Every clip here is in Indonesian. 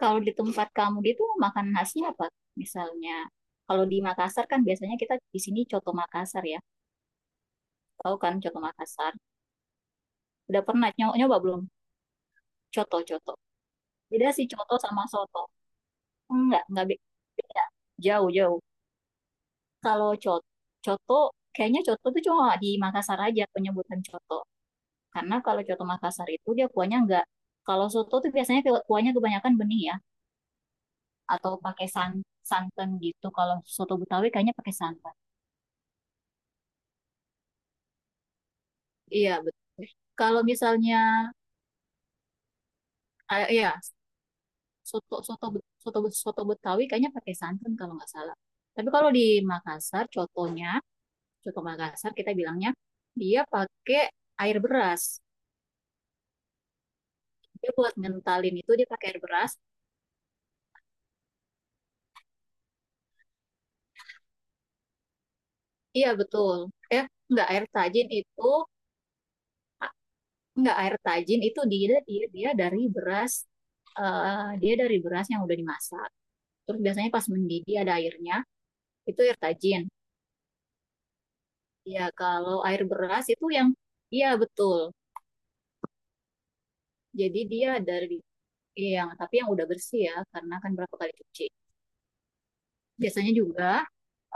Kalau di tempat kamu itu makan khasnya apa? Misalnya, kalau di Makassar kan biasanya kita di sini coto Makassar ya. Tahu kan coto Makassar? Udah pernah nyoba, belum? Coto-coto. Beda sih coto sama soto. Enggak, beda. Jauh-jauh. Kalau coto, kayaknya coto itu cuma di Makassar aja penyebutan coto. Karena kalau coto Makassar itu dia kuahnya enggak. Kalau soto tuh biasanya kuahnya kebanyakan bening ya, atau pakai santan gitu. Kalau soto Betawi kayaknya pakai santan. Iya, betul. Kalau misalnya, ah, iya, soto soto Bet- soto Bet- soto Betawi kayaknya pakai santan kalau nggak salah. Tapi kalau di Makassar, contohnya, contoh Makassar kita bilangnya dia pakai air beras. Dia buat ngentalin itu dia pakai air beras. Iya betul. Eh, nggak, air tajin itu, ah, nggak air tajin itu dia dia dia dari beras. Dia dari beras yang udah dimasak. Terus biasanya pas mendidih ada airnya, itu air tajin. Ya, kalau air beras itu yang iya betul. Jadi dia dari yang, tapi yang udah bersih ya, karena kan berapa kali cuci. Biasanya juga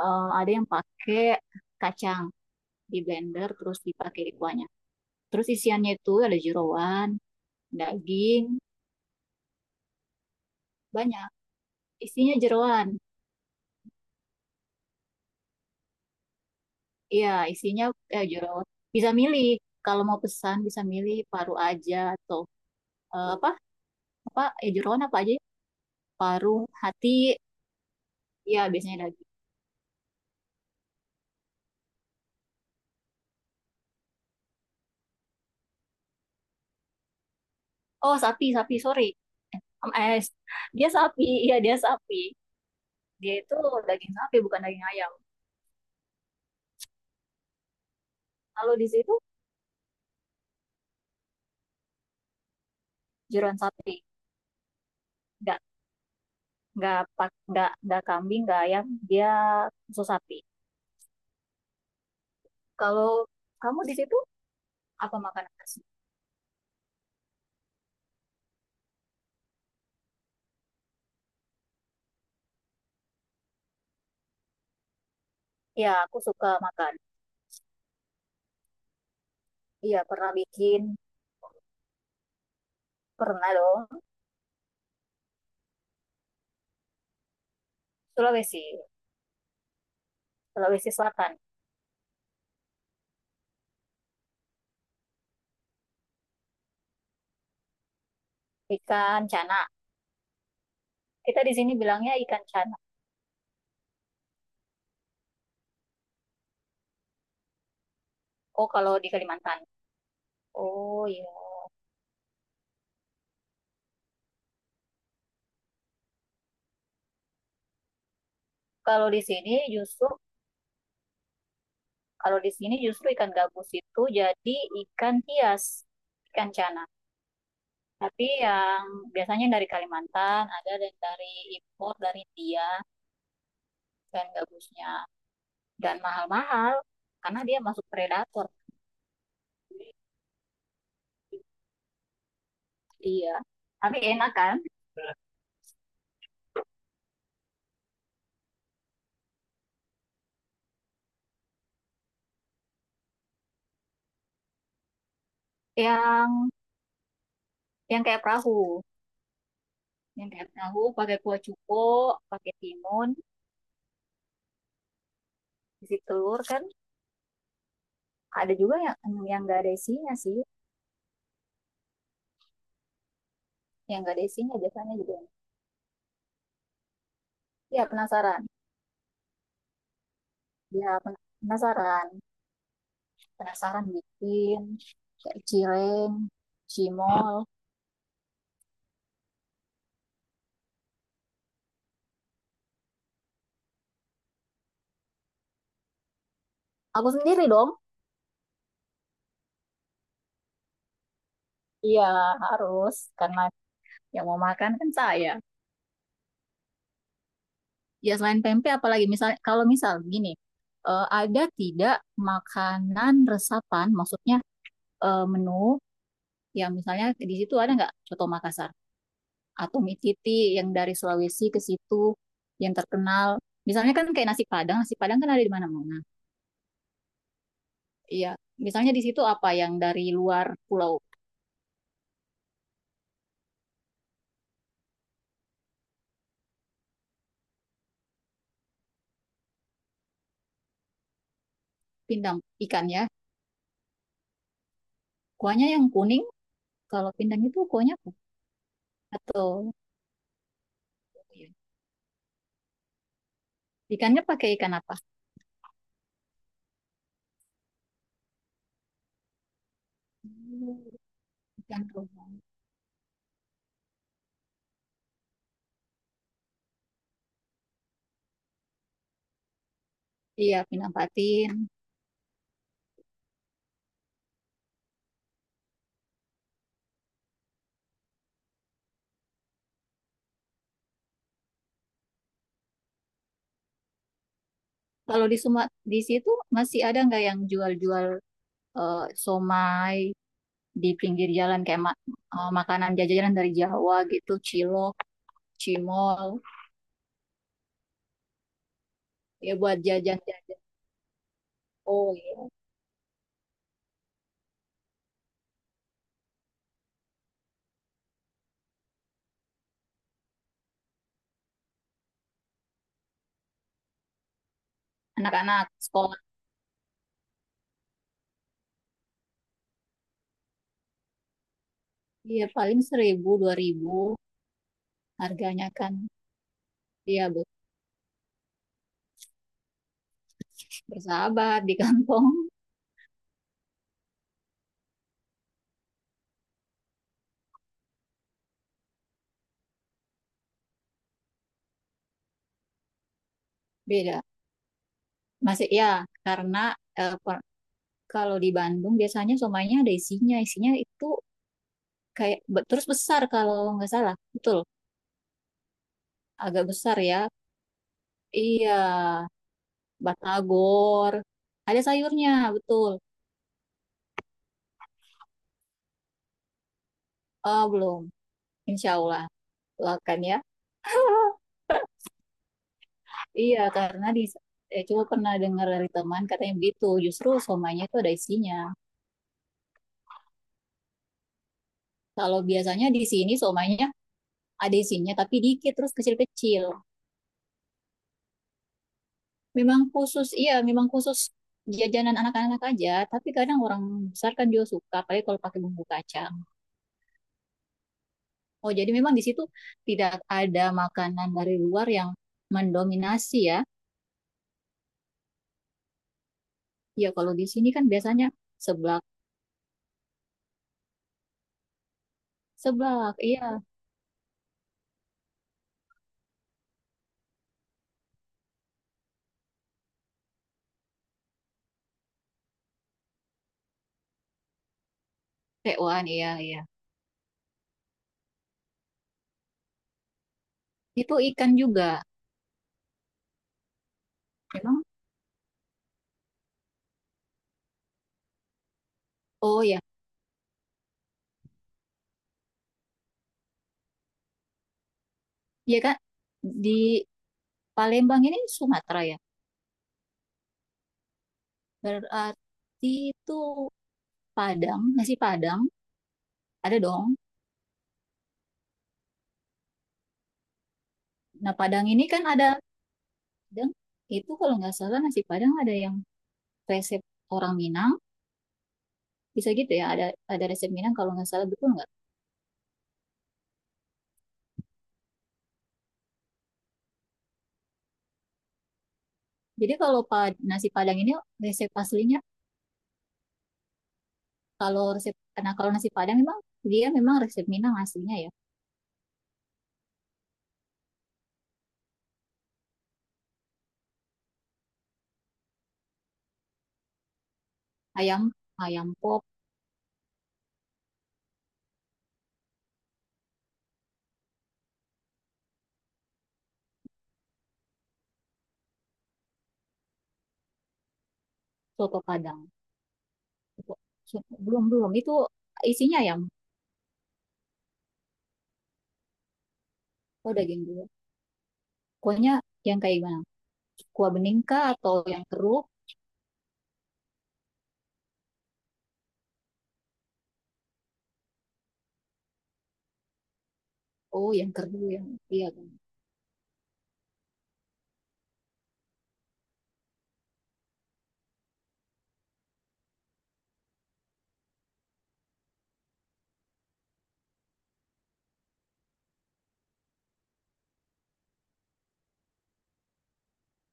ada yang pakai kacang di blender terus dipakai di kuahnya. Terus isiannya itu ada jeroan, daging, banyak. Isinya jeroan. Iya, isinya jeroan. Bisa milih, kalau mau pesan bisa milih paru aja atau apa? Apa jeroan apa aja? Ya? Paru, hati, ya biasanya daging. Oh, sapi, sapi, sorry. Om es. Dia sapi, iya dia sapi. Dia itu daging sapi bukan daging ayam. Kalau di situ jeroan sapi, nggak nggak kambing nggak ayam, dia khusus sapi. Kalau kamu di situ apa makanan khas? Ya aku suka makan. Iya pernah bikin, pernah dong. Sulawesi, Sulawesi Selatan, ikan cana. Kita di sini bilangnya ikan cana. Oh kalau di Kalimantan. Oh iya. Kalau di sini justru Kalau di sini justru ikan gabus itu jadi ikan hias, ikan cana. Tapi yang biasanya dari Kalimantan, ada dan dari impor dari India, ikan gabusnya. Dan mahal-mahal, karena dia masuk predator. Iya. Tapi enak kan? Yang yang kayak perahu. Yang kayak perahu, pakai kuah cuko, pakai timun, isi telur kan. Ada juga yang nggak ada isinya sih. Yang nggak ada isinya biasanya juga. Iya penasaran. Iya penasaran. Penasaran bikin kayak cireng, cimol. Aku sendiri dong. Iya, harus karena yang mau makan kan saya. Ya selain pempek apalagi misal, kalau misal gini, ada tidak makanan resapan, maksudnya menu yang misalnya di situ ada nggak coto Makassar atau mie titi yang dari Sulawesi ke situ yang terkenal. Misalnya kan kayak nasi Padang kan ada di mana-mana. Iya, misalnya di situ apa yang dari luar pulau, pindang ikannya. Kuahnya yang kuning, kalau pindang itu kuahnya apa? Atau iya, ikannya pakai ikan apa? Ikan tuna. Iya, pindang patin. Kalau di Sumat di situ masih ada nggak yang jual-jual eh, somai di pinggir jalan kayak makanan jajanan dari Jawa gitu, cilok, cimol, ya buat jajan-jajan. Oh iya, anak-anak sekolah. Iya, paling seribu, dua ribu harganya kan. Iya, bersahabat di kantong. Beda. Masih ya, karena eh, per- kalau di Bandung biasanya somainya ada isinya. Isinya itu kayak terus besar kalau nggak salah. Betul, agak besar ya. Iya, batagor. Ada sayurnya, betul. Oh, belum. Insya Allah. Doakan ya. Iya, karena di cuma pernah dengar dari teman katanya begitu. Justru somainya itu ada isinya. Kalau biasanya di sini somainya ada isinya tapi dikit terus kecil-kecil. Memang khusus, iya, memang khusus jajanan anak-anak aja. Tapi kadang orang besar kan juga suka, apalagi kalau pakai bumbu kacang. Oh, jadi memang di situ tidak ada makanan dari luar yang mendominasi ya. Ya, kalau di sini kan biasanya seblak, seblak, iya, tewan, iya, iya. Itu ikan juga. Memang, oh ya, iya kan di Palembang ini Sumatera ya. Berarti itu Padang, nasi Padang, ada dong. Nah, Padang ini kan ada, Padang itu kalau nggak salah nasi Padang ada yang resep orang Minang, bisa gitu ya, ada resep Minang kalau nggak salah, betul nggak? Jadi kalau nasi Padang ini resep aslinya, kalau resep, nah kalau nasi Padang memang dia memang resep Minang aslinya ya. Ayam, ayam pop, soto Padang. Belum belum itu. Isinya ayam, oh daging dulu. Kuahnya yang kayak gimana, kuah bening kah atau yang keruh? Oh yang keruk yang iya kan?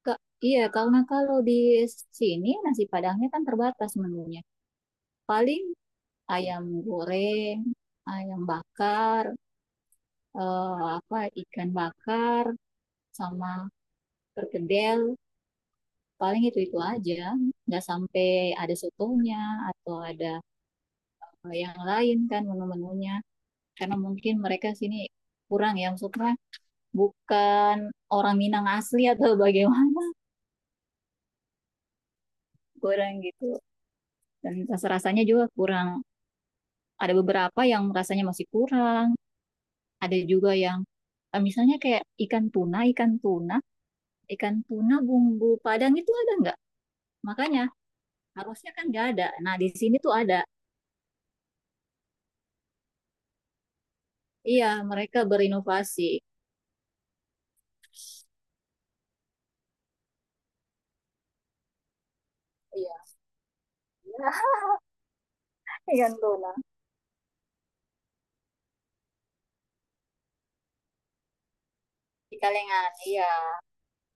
Kak, iya, karena kalau di sini nasi Padangnya kan terbatas menunya. Paling ayam goreng, ayam bakar, apa, ikan bakar, sama perkedel. Paling itu-itu aja, nggak sampai ada sotonya atau ada yang lain kan menu-menunya. Karena mungkin mereka sini kurang ya, maksudnya bukan orang Minang asli atau bagaimana, kurang gitu. Dan rasa-rasanya juga kurang. Ada beberapa yang rasanya masih kurang, ada juga yang eh, misalnya kayak ikan tuna, ikan tuna bumbu Padang itu ada nggak? Makanya harusnya kan nggak ada. Nah, di sini tuh ada. Iya, mereka berinovasi. Iya, iya, ikan tuna. Di kalengan. Iya,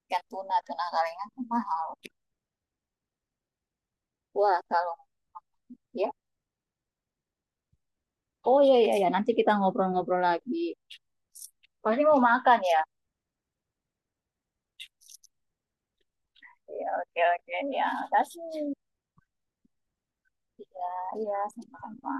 ikan tuna, tuna kalengan tuh mahal. Wah, kalau ya. Oh iya iya ya, nanti kita ngobrol-ngobrol lagi. Pasti mau makan ya. Iya, oke oke ya. Kasih. Iya, iya, sama-sama.